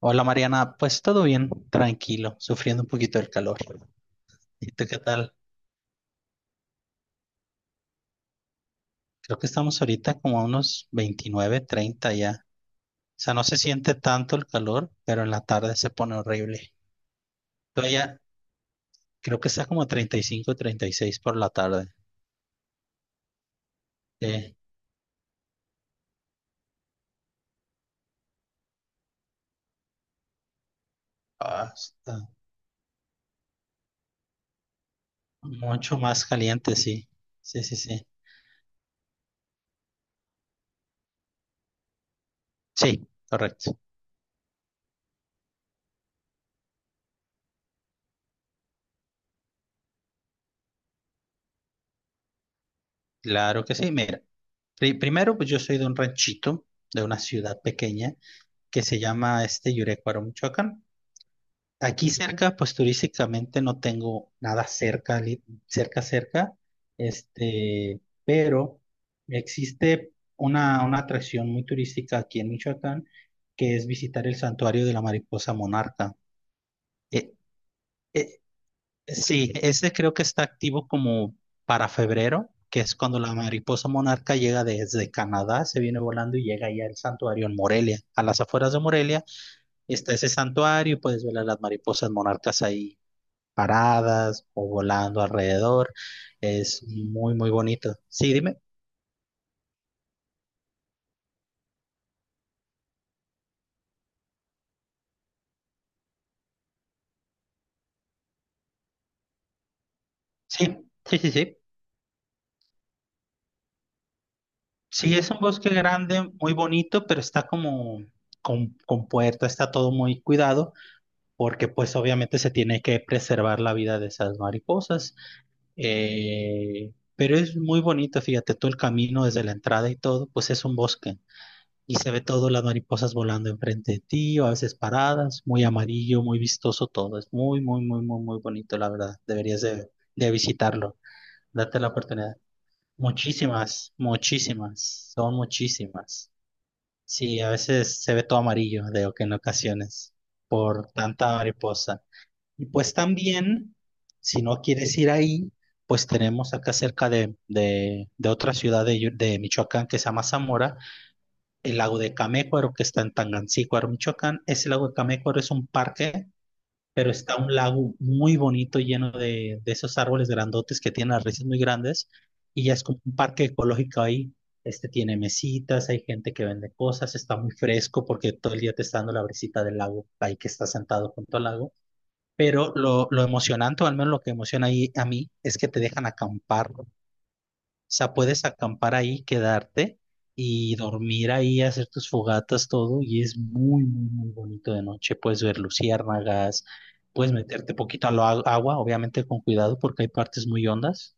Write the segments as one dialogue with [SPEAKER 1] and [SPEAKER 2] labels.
[SPEAKER 1] Hola Mariana, pues todo bien, tranquilo, sufriendo un poquito del calor. ¿Y tú qué tal? Creo que estamos ahorita como a unos 29, 30 ya. O sea, no se siente tanto el calor, pero en la tarde se pone horrible. Tú allá creo que está como 30 35, 36 por la tarde. Sí. Ah, está mucho más caliente, sí. Sí, sí, sí. Sí, correcto. Claro que sí. Mira, primero pues yo soy de un ranchito, de una ciudad pequeña que se llama este Yurecuaro, Michoacán. Aquí cerca, pues turísticamente no tengo nada cerca, cerca, cerca, este, pero existe una atracción muy turística aquí en Michoacán, que es visitar el santuario de la mariposa monarca. Eh, eh, sí, ese creo que está activo como para febrero, que es cuando la mariposa monarca llega desde Canadá, se viene volando y llega ya al santuario en Morelia. A las afueras de Morelia está ese santuario y puedes ver a las mariposas monarcas ahí paradas o volando alrededor. Es muy, muy bonito. Sí, dime. Sí, sí, sí, sí. Sí, es un bosque grande, muy bonito, pero está como con puerta, está todo muy cuidado, porque pues obviamente se tiene que preservar la vida de esas mariposas. Pero es muy bonito, fíjate, todo el camino desde la entrada y todo, pues es un bosque. Y se ve todo, las mariposas volando enfrente de ti, o a veces paradas, muy amarillo, muy vistoso todo. Es muy, muy, muy, muy, muy bonito, la verdad. Deberías de visitarlo. Date la oportunidad. Muchísimas, muchísimas, son muchísimas. Sí, a veces se ve todo amarillo, de que en ocasiones, por tanta mariposa. Y pues también, si no quieres ir ahí, pues tenemos acá cerca de otra ciudad de Michoacán que se llama Zamora, el lago de Camécuaro, que está en Tangancícuaro, Michoacán. Ese lago de Camécuaro es un parque, pero está un lago muy bonito lleno de esos árboles grandotes que tienen las raíces muy grandes. Y ya es como un parque ecológico ahí. Este tiene mesitas, hay gente que vende cosas, está muy fresco porque todo el día te está dando la brisita del lago, ahí que estás sentado junto al lago. Pero lo emocionante, o al menos lo que emociona ahí a mí, es que te dejan acampar. O sea, puedes acampar ahí, quedarte y dormir ahí, hacer tus fogatas, todo, y es muy, muy, muy bonito de noche. Puedes ver luciérnagas, puedes meterte poquito al agua, obviamente con cuidado porque hay partes muy hondas,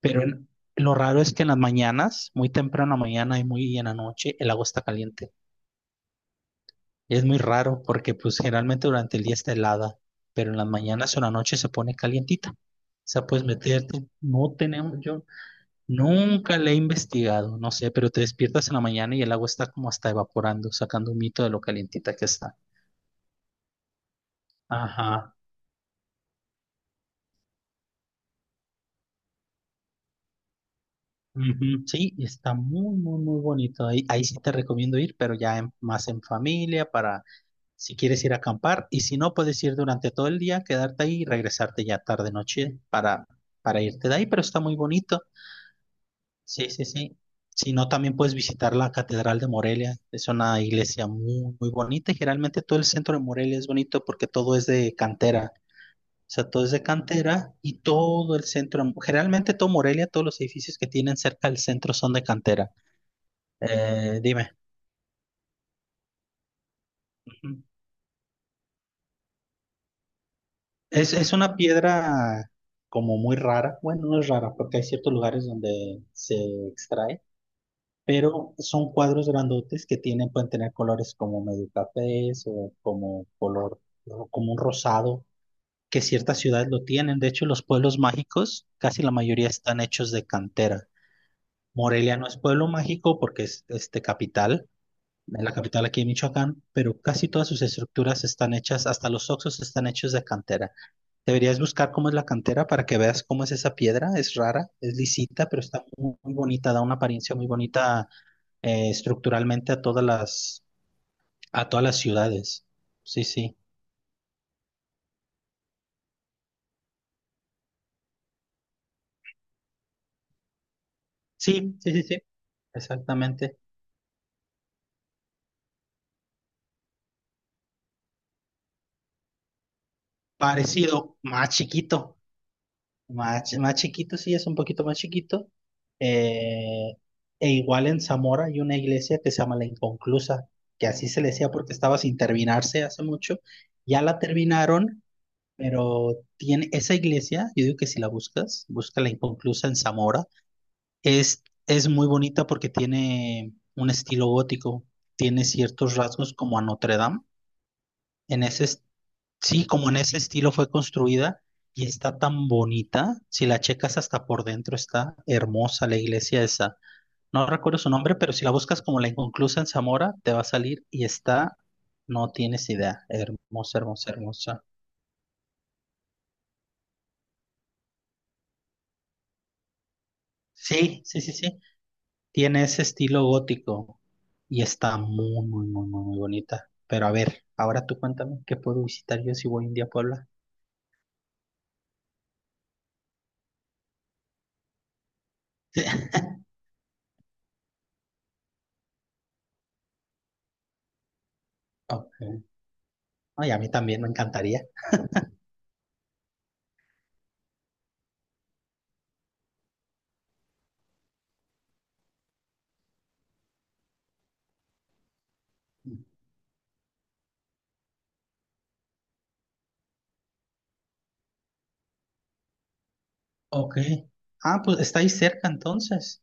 [SPEAKER 1] pero en- lo raro es que en las mañanas, muy temprano en la mañana y muy en la noche, el agua está caliente. Es muy raro porque pues generalmente durante el día está helada, pero en las mañanas o la noche se pone calientita. O sea, puedes meterte, no tenemos, yo nunca le he investigado, no sé, pero te despiertas en la mañana y el agua está como hasta evaporando, sacando un mito de lo calientita que está. Ajá. Ujú, sí, y está muy, muy, muy bonito. Ahí, ahí sí te recomiendo ir, pero ya más en familia, para si quieres ir a acampar. Y si no, puedes ir durante todo el día, quedarte ahí y regresarte ya tarde, noche para irte de ahí, pero está muy bonito. Sí, sí, sí. Si no, también puedes visitar la Catedral de Morelia. Es una iglesia muy, muy bonita. Y generalmente todo el centro de Morelia es bonito porque todo es de cantera. O sea, todo es de cantera y todo el centro, generalmente todo Morelia, todos los edificios que tienen cerca del centro son de cantera. Dime. Ujú. Es una piedra como muy rara. Bueno, no es rara porque hay ciertos lugares donde se extrae, pero son cuadros grandotes que tienen, pueden tener colores como medio cafés o como color, o como un rosado, que ciertas ciudades lo tienen. De hecho, los pueblos mágicos, casi la mayoría están hechos de cantera. Morelia no es pueblo mágico porque es este capital, es la capital aquí en Michoacán, pero casi todas sus estructuras están hechas, hasta los oxos están hechos de cantera. Deberías buscar cómo es la cantera para que veas cómo es esa piedra. Es rara, es lisita, pero está muy, muy bonita, da una apariencia muy bonita, estructuralmente a todas las, ciudades. Sí, sí. Sí, sí, sí, sí. Exactamente. Parecido, más chiquito. Más chiquito, sí, es un poquito más chiquito. Eh, E igual en Zamora hay una iglesia que se llama La Inconclusa, que así se le decía porque estaba sin terminarse hace mucho. Ya la terminaron. Pero tiene esa iglesia, yo digo que si la buscas, busca la inconclusa en Zamora, es muy bonita porque tiene un estilo gótico, tiene ciertos rasgos como a Notre Dame. En ese, est- sí, como en ese estilo fue construida y está tan bonita. Si la checas hasta por dentro, está hermosa la iglesia esa. No recuerdo su nombre, pero si la buscas como la inconclusa en Zamora, te va a salir y está, no tienes idea, hermosa, hermosa, hermosa. Sí, sí, sí, sí. Tiene ese estilo gótico y está muy, muy, muy, muy, muy bonita. Pero a ver, ahora tú cuéntame qué puedo visitar yo si voy un día a Puebla. Ok. Ay, a mí también me encantaría. Ok. Ah, pues está ahí cerca entonces.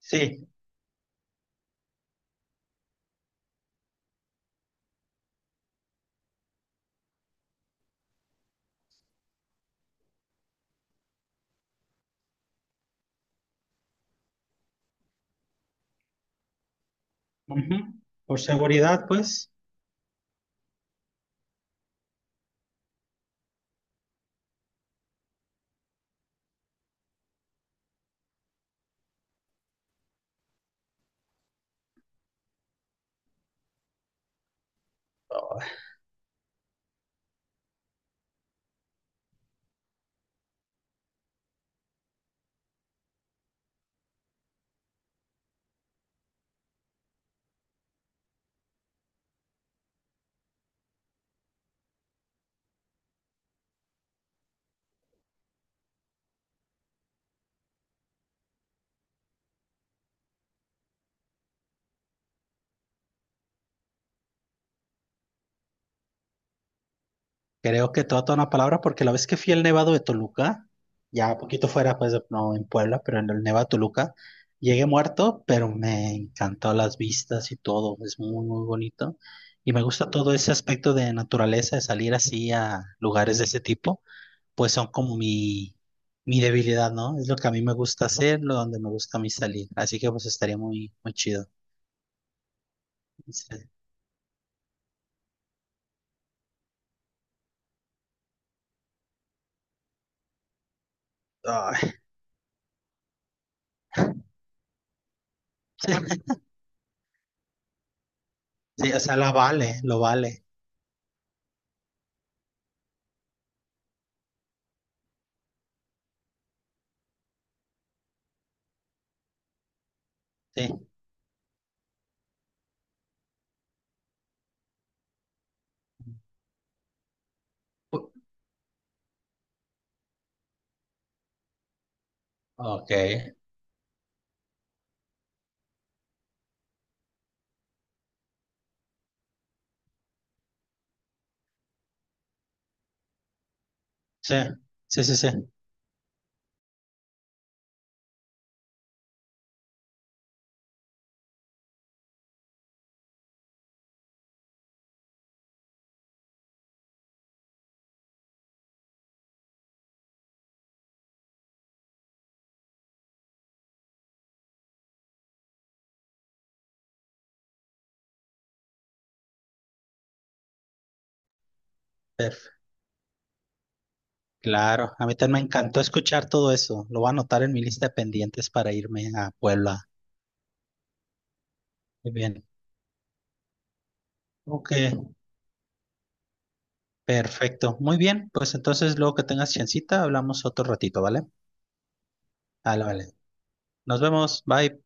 [SPEAKER 1] Sí. Ujú. Por seguridad, pues. Creo que toda, toda una palabra, porque la vez que fui al Nevado de Toluca, ya un poquito fuera, pues no en Puebla, pero en el Nevado de Toluca, llegué muerto, pero me encantó las vistas y todo, es muy, muy bonito. Y me gusta todo ese aspecto de naturaleza, de salir así a lugares de ese tipo, pues son como mi debilidad, ¿no? Es lo que a mí me gusta hacer, lo donde me gusta a mí salir. Así que pues estaría muy, muy chido. Sí. Ay, sí, o sea, lo vale, lo vale. Sí. Ok. Sí, sí, sí, sí. Per- Claro, a mí también me encantó escuchar todo eso. Lo voy a anotar en mi lista de pendientes para irme a Puebla. Muy bien. Ok, perfecto. Muy bien, pues entonces luego que tengas chancita, hablamos otro ratito, ¿vale? Vale, vale. Nos vemos. Bye.